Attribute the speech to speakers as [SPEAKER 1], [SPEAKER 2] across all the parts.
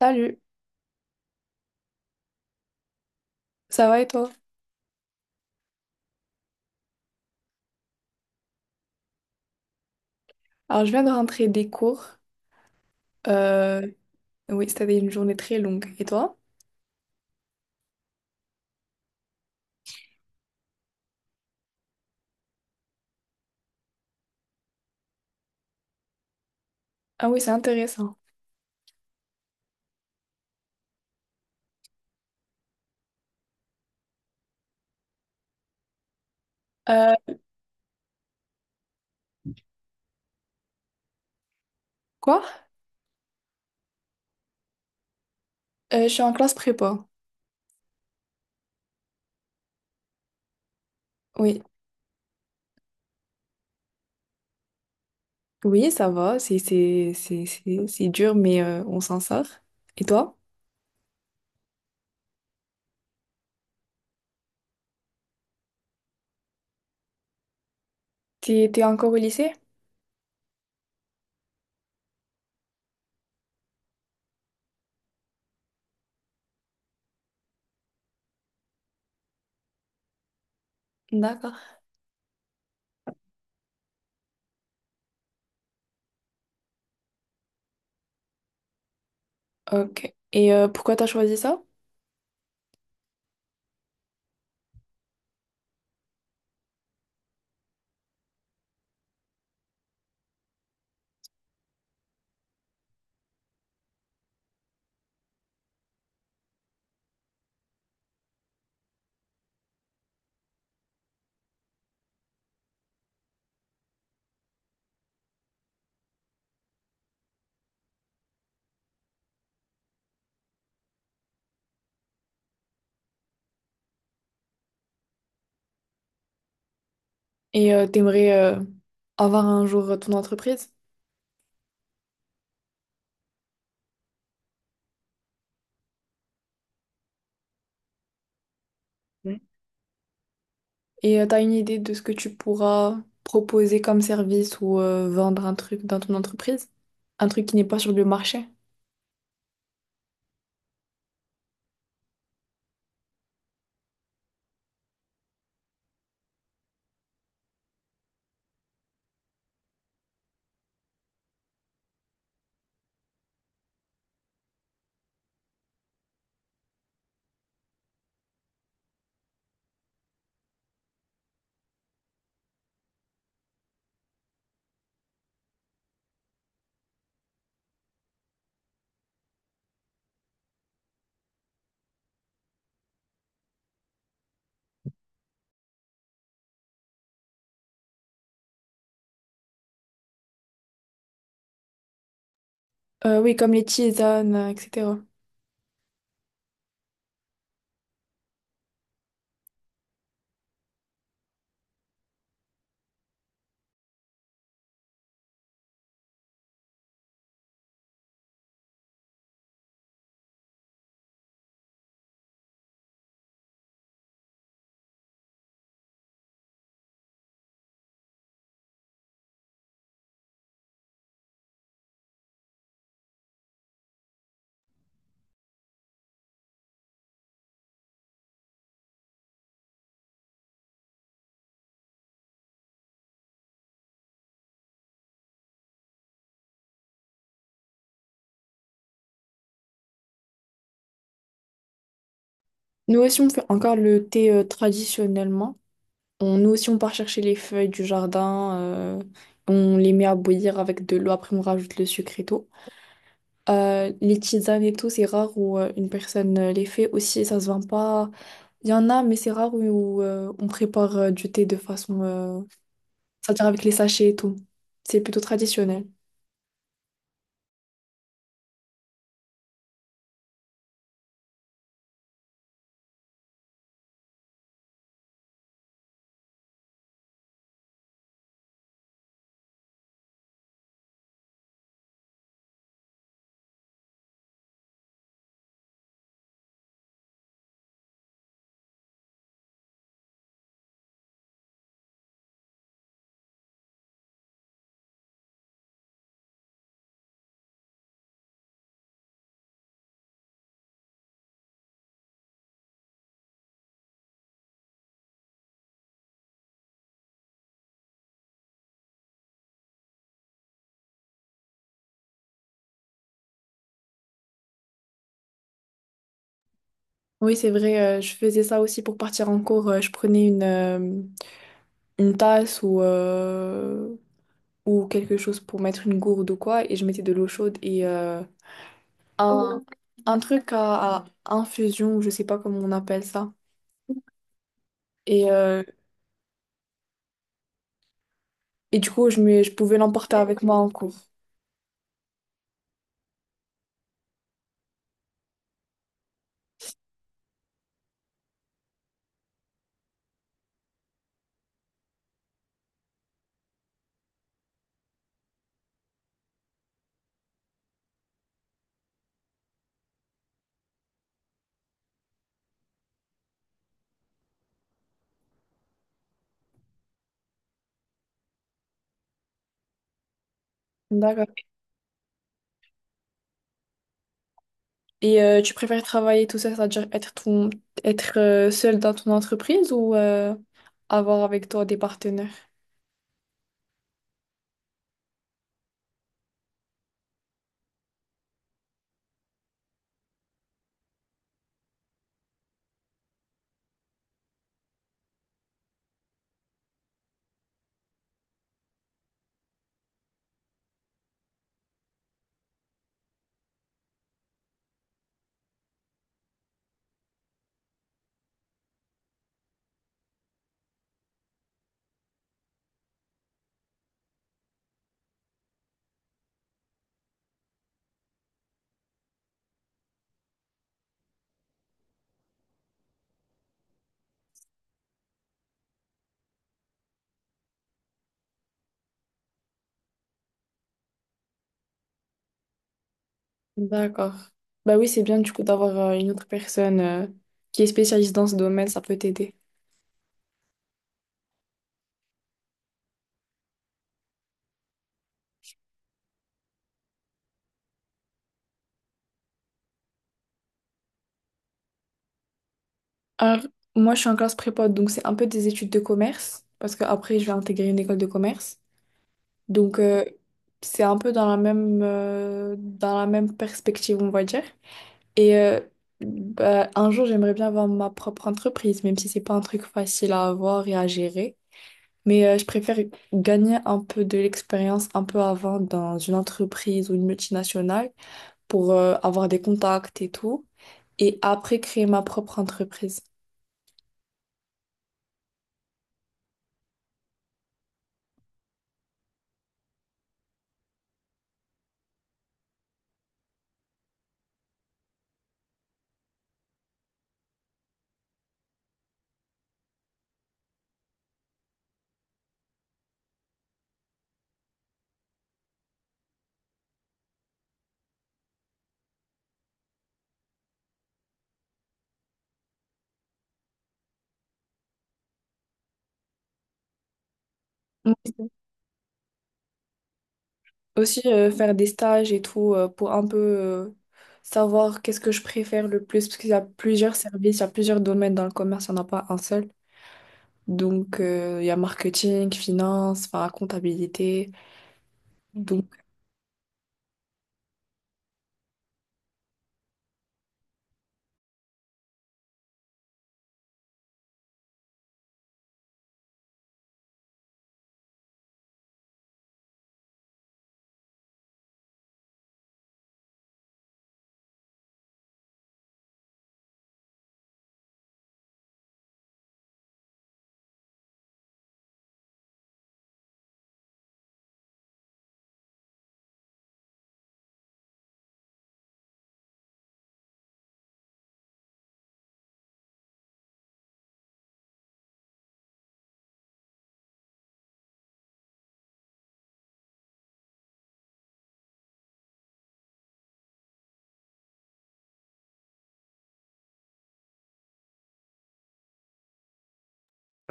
[SPEAKER 1] Salut, ça va et toi? Alors, je viens de rentrer des cours. Euh, oui, c'était une journée très longue. Et toi? Ah oui, c'est intéressant. Euh, quoi? Je suis en classe prépa. Oui, oui, ça va. C'est c'est dur, mais on s'en sort. Et toi? T'es encore au lycée? D'accord. Ok. Et pourquoi t'as choisi ça? Et t'aimerais avoir un jour ton entreprise? Et t'as une idée de ce que tu pourras proposer comme service ou vendre un truc dans ton entreprise? Un truc qui n'est pas sur le marché? Oui, comme les tisanes, etc. Nous aussi, on fait encore le thé traditionnellement. Nous aussi, on part chercher les feuilles du jardin. On les met à bouillir avec de l'eau. Après, on rajoute le sucre et tout. Les tisanes et tout, c'est rare où une personne les fait aussi. Ça se vend pas. Il y en a, mais c'est rare où, on prépare du thé de façon c'est-à-dire avec les sachets et tout. C'est plutôt traditionnel. Oui, c'est vrai, je faisais ça aussi pour partir en cours. Je prenais une tasse ou quelque chose pour mettre une gourde ou quoi, et je mettais de l'eau chaude et un, un truc à infusion, ou je sais pas comment on appelle ça. Et, euh, et du coup, je pouvais l'emporter avec moi en cours. D'accord. Et tu préfères travailler tout seul, c'est-à-dire être seul dans ton entreprise ou avoir avec toi des partenaires? D'accord. Bah oui, c'est bien du coup d'avoir une autre personne qui est spécialiste dans ce domaine, ça peut t'aider. Alors, moi je suis en classe prépa, donc c'est un peu des études de commerce, parce que après je vais intégrer une école de commerce. Donc c'est un peu dans la même perspective, on va dire. Et bah, un jour j'aimerais bien avoir ma propre entreprise, même si c'est pas un truc facile à avoir et à gérer. Mais je préfère gagner un peu de l'expérience un peu avant dans une entreprise ou une multinationale pour avoir des contacts et tout, et après créer ma propre entreprise. Oui. Aussi faire des stages et tout pour un peu savoir qu'est-ce que je préfère le plus, parce qu'il y a plusieurs services, il y a plusieurs domaines dans le commerce, il n'y en a pas un seul. Donc il y a marketing, finance, enfin comptabilité. Donc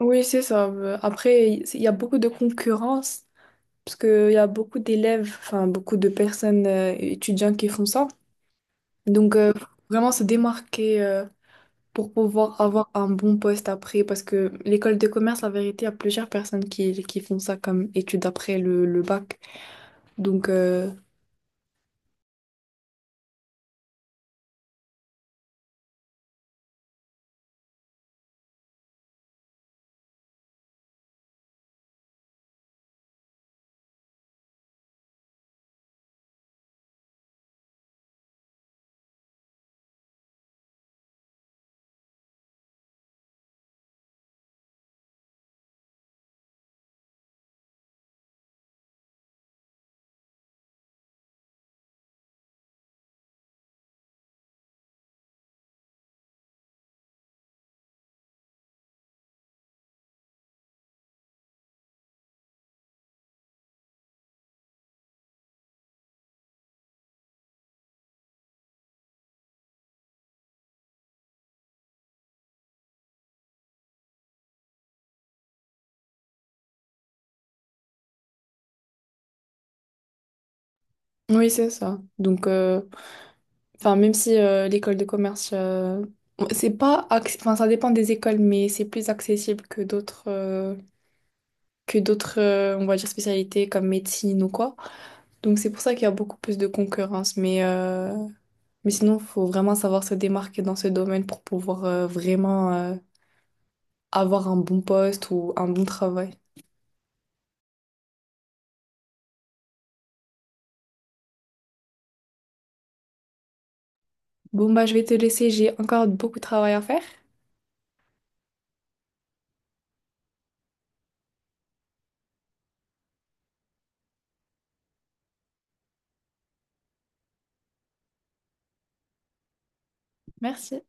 [SPEAKER 1] oui, c'est ça. Après, il y a beaucoup de concurrence. Parce qu'il y a beaucoup d'élèves, enfin beaucoup de personnes étudiants qui font ça. Donc, faut vraiment se démarquer pour pouvoir avoir un bon poste après. Parce que l'école de commerce, la vérité, il y a plusieurs personnes qui font ça comme études après le bac. Donc, oui, c'est ça. Donc, enfin, même si l'école de commerce, c'est pas, acc- enfin, ça dépend des écoles, mais c'est plus accessible que d'autres, on va dire, spécialités comme médecine ou quoi. Donc c'est pour ça qu'il y a beaucoup plus de concurrence. Mais sinon, il faut vraiment savoir se démarquer dans ce domaine pour pouvoir vraiment avoir un bon poste ou un bon travail. Bon, bah, je vais te laisser, j'ai encore beaucoup de travail à faire. Merci.